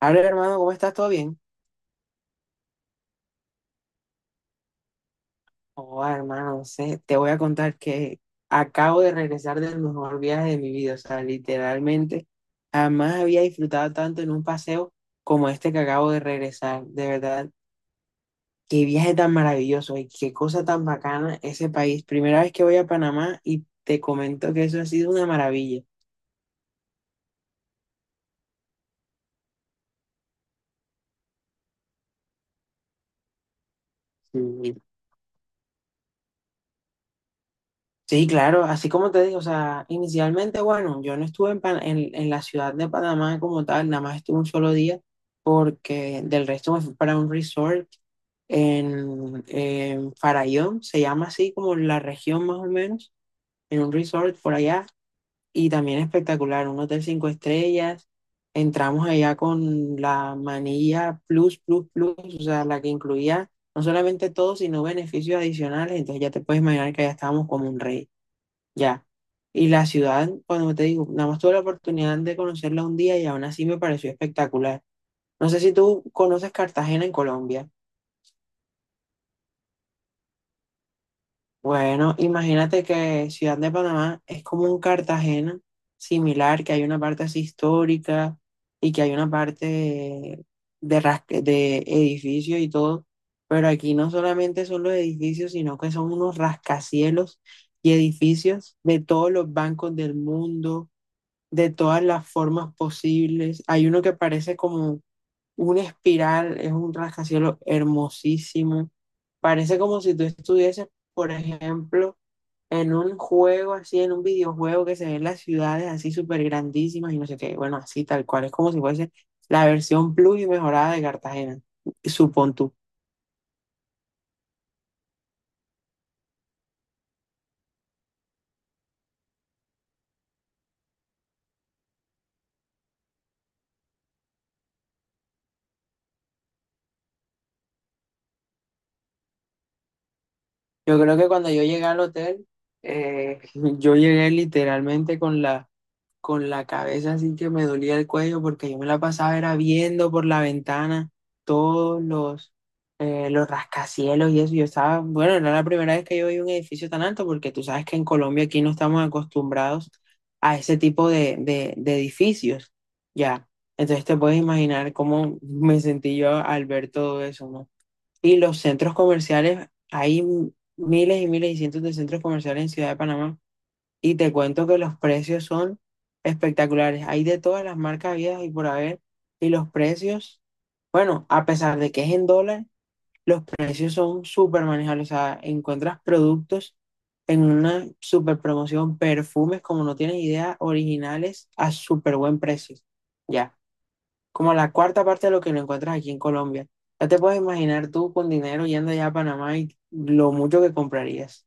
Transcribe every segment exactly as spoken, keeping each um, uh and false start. Hola hermano, ¿cómo estás? ¿Todo bien? Oh, hermano, no sé, te voy a contar que acabo de regresar del mejor viaje de mi vida. O sea, literalmente jamás había disfrutado tanto en un paseo como este que acabo de regresar. De verdad, qué viaje tan maravilloso y qué cosa tan bacana ese país. Primera vez que voy a Panamá y te comento que eso ha sido una maravilla. sí Sí, claro, así como te digo, o sea, inicialmente, bueno, yo no estuve en, Pan- en, en la ciudad de Panamá como tal, nada más estuve un solo día, porque del resto me fui para un resort en, en Farallón, se llama así como la región más o menos, en un resort por allá, y también espectacular, un hotel cinco estrellas, entramos allá con la manilla Plus, Plus, Plus, o sea, la que incluía no solamente todo, sino beneficios adicionales, entonces ya te puedes imaginar que allá estábamos como un rey. Ya. Y la ciudad, cuando te digo, nada más tuve la oportunidad de conocerla un día y aún así me pareció espectacular. No sé si tú conoces Cartagena en Colombia. Bueno, imagínate que Ciudad de Panamá es como un Cartagena similar, que hay una parte así histórica y que hay una parte de, rasque- de edificios y todo. Pero aquí no solamente son los edificios, sino que son unos rascacielos y edificios de todos los bancos del mundo de todas las formas posibles. Hay uno que parece como una espiral, es un rascacielos hermosísimo. Parece como si tú estuvieses, por ejemplo, en un juego así, en un videojuego que se ven las ciudades así súper grandísimas y no sé qué. Bueno, así tal cual. Es como si fuese la versión plus y mejorada de Cartagena, supón tú. Yo creo que cuando yo llegué al hotel, eh, yo llegué literalmente con la con la cabeza así que me dolía el cuello porque yo me la pasaba era viendo por la ventana todos los, eh, los rascacielos y eso. Yo estaba, bueno, era la primera vez que yo vi un edificio tan alto porque tú sabes que en Colombia aquí no estamos acostumbrados a ese tipo de, de, de edificios, ya. Entonces te puedes imaginar cómo me sentí yo al ver todo eso, ¿no? Y los centros comerciales, hay miles y miles y cientos de centros comerciales en Ciudad de Panamá y te cuento que los precios son espectaculares. Hay de todas las marcas habidas y por haber. Y los precios, bueno, a pesar de que es en dólares, los precios son súper manejables. O sea, encuentras productos en una súper promoción, perfumes, como no tienes idea, originales a súper buen precio. Ya, como la cuarta parte de lo que lo encuentras aquí en Colombia. Ya te puedes imaginar tú con dinero yendo allá a Panamá y lo mucho que comprarías.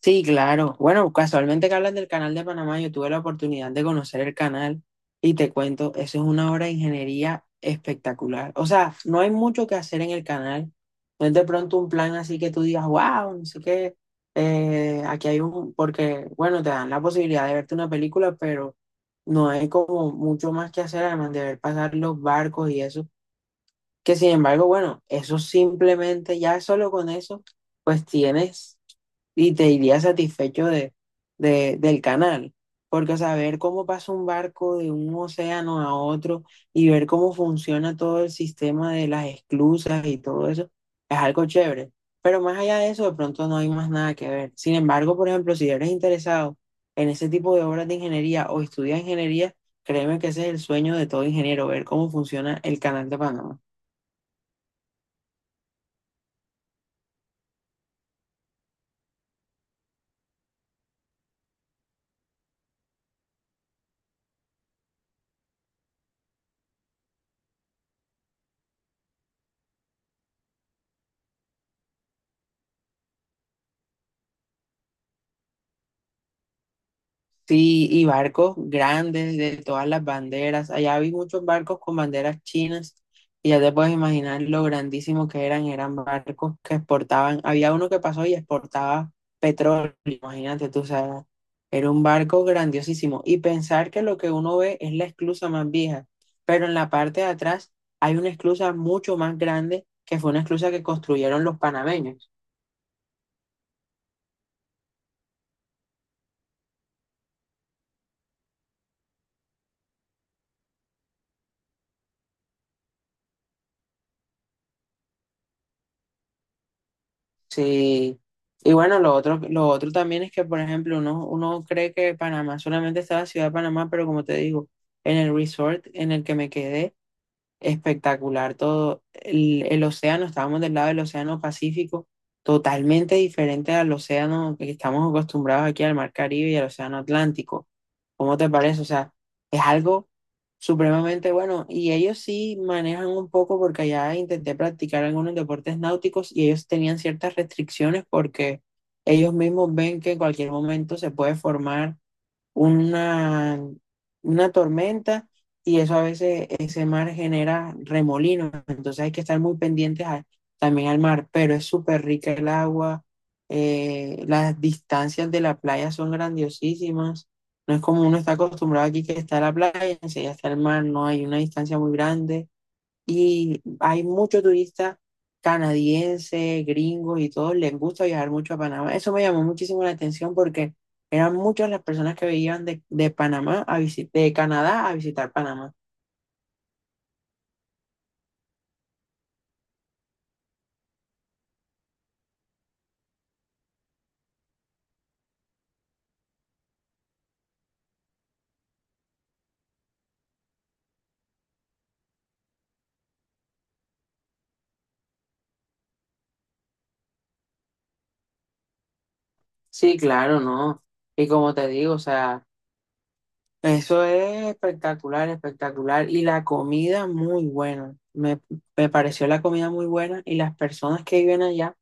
Sí, claro. Bueno, casualmente que hablas del canal de Panamá, yo tuve la oportunidad de conocer el canal y te cuento, eso es una obra de ingeniería espectacular. O sea, no hay mucho que hacer en el canal. No es de pronto un plan así que tú digas, wow, no sé qué, eh, aquí hay un, porque, bueno, te dan la posibilidad de verte una película, pero no hay como mucho más que hacer, además de ver pasar los barcos y eso. Que sin embargo, bueno, eso simplemente, ya solo con eso, pues tienes y te irías satisfecho de, de- del canal. Porque, o sea, ver cómo pasa un barco de un océano a otro y ver cómo funciona todo el sistema de las esclusas y todo eso, es algo chévere. Pero más allá de eso, de pronto no hay más nada que ver. Sin embargo, por ejemplo, si eres interesado en ese tipo de obras de ingeniería o estudias ingeniería, créeme que ese es el sueño de todo ingeniero, ver cómo funciona el canal de Panamá. Sí, y barcos grandes de todas las banderas. Allá vi muchos barcos con banderas chinas y ya te puedes imaginar lo grandísimos que eran. Eran barcos que exportaban. Había uno que pasó y exportaba petróleo. Imagínate tú, o sea, era un barco grandiosísimo. Y pensar que lo que uno ve es la esclusa más vieja, pero en la parte de atrás hay una esclusa mucho más grande que fue una esclusa que construyeron los panameños. Sí. Y bueno, lo otro, lo otro también es que, por ejemplo, uno, uno cree que Panamá solamente está la ciudad de Panamá, pero como te digo, en el resort en el que me quedé, espectacular todo. El, el océano, estábamos del lado del océano Pacífico, totalmente diferente al océano que estamos acostumbrados aquí al mar Caribe y al océano Atlántico. ¿Cómo te parece? O sea, es algo supremamente bueno. Y ellos sí manejan un poco porque allá intenté practicar algunos deportes náuticos y ellos tenían ciertas restricciones porque ellos mismos ven que en cualquier momento se puede formar una, una, tormenta y eso a veces ese mar genera remolinos, entonces hay que estar muy pendientes a- también al mar, pero es súper rica el agua, eh, las distancias de la playa son grandiosísimas, no es como uno está acostumbrado aquí que está la playa, enseguida está el mar, no hay una distancia muy grande, y hay muchos turistas canadienses, gringos y todos les gusta viajar mucho a Panamá. Eso me llamó muchísimo la atención porque eran muchas las personas que venían de, de Panamá a visi- de Canadá a visitar Panamá. Sí, claro, no. Y como te digo, o sea, eso es espectacular, espectacular. Y la comida muy buena. Me, me pareció la comida muy buena y las personas que viven allá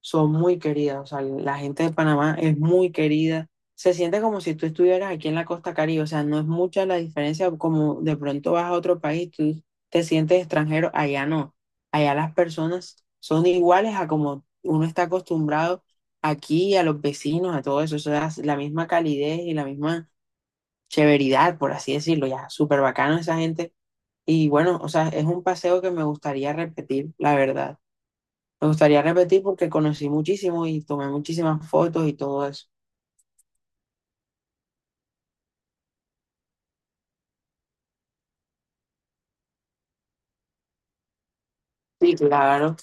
son muy queridas, o sea, la gente de Panamá es muy querida. Se siente como si tú estuvieras aquí en la costa Caribe, o sea, no es mucha la diferencia como de pronto vas a otro país, tú te sientes extranjero, allá no. Allá las personas son iguales a como uno está acostumbrado aquí, a los vecinos, a todo eso, o sea, es la misma calidez y la misma chéveridad, por así decirlo, ya, súper bacano esa gente. Y bueno, o sea, es un paseo que me gustaría repetir, la verdad. Me gustaría repetir porque conocí muchísimo y tomé muchísimas fotos y todo eso. Sí, claro.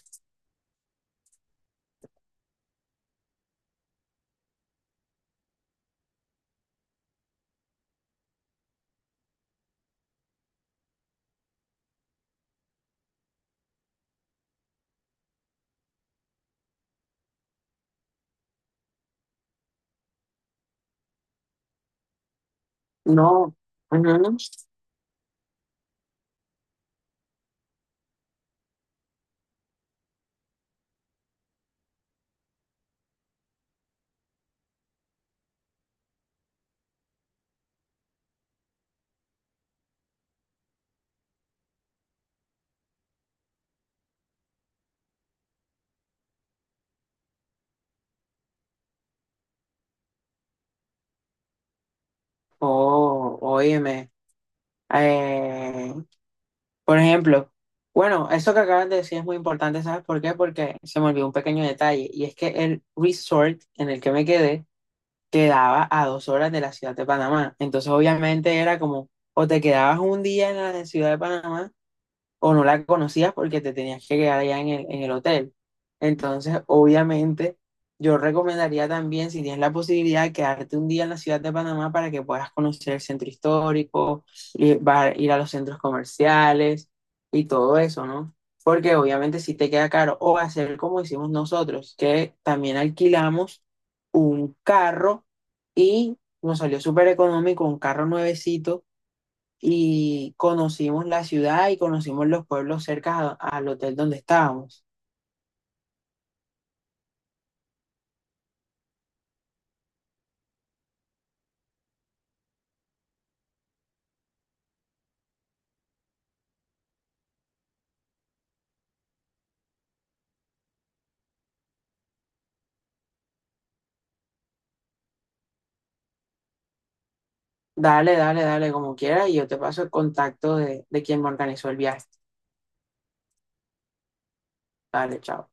No. Ujú. Oh, óyeme. Eh, por ejemplo, bueno, eso que acabas de decir es muy importante, ¿sabes por qué? Porque se me olvidó un pequeño detalle y es que el resort en el que me quedé quedaba a dos horas de la ciudad de Panamá. Entonces, obviamente era como, o te quedabas un día en la ciudad de Panamá o no la conocías porque te tenías que quedar allá en el, en el hotel. Entonces, obviamente, yo recomendaría también, si tienes la posibilidad, quedarte un día en la ciudad de Panamá para que puedas conocer el centro histórico, ir, va- ir a los centros comerciales y todo eso, ¿no? Porque obviamente si te queda caro, o hacer como hicimos nosotros, que también alquilamos un carro y nos salió súper económico, un carro nuevecito y conocimos la ciudad y conocimos los pueblos cerca a- al hotel donde estábamos. Dale, dale, dale, como quieras, y yo te paso el contacto de, de quien me organizó el viaje. Dale, chao.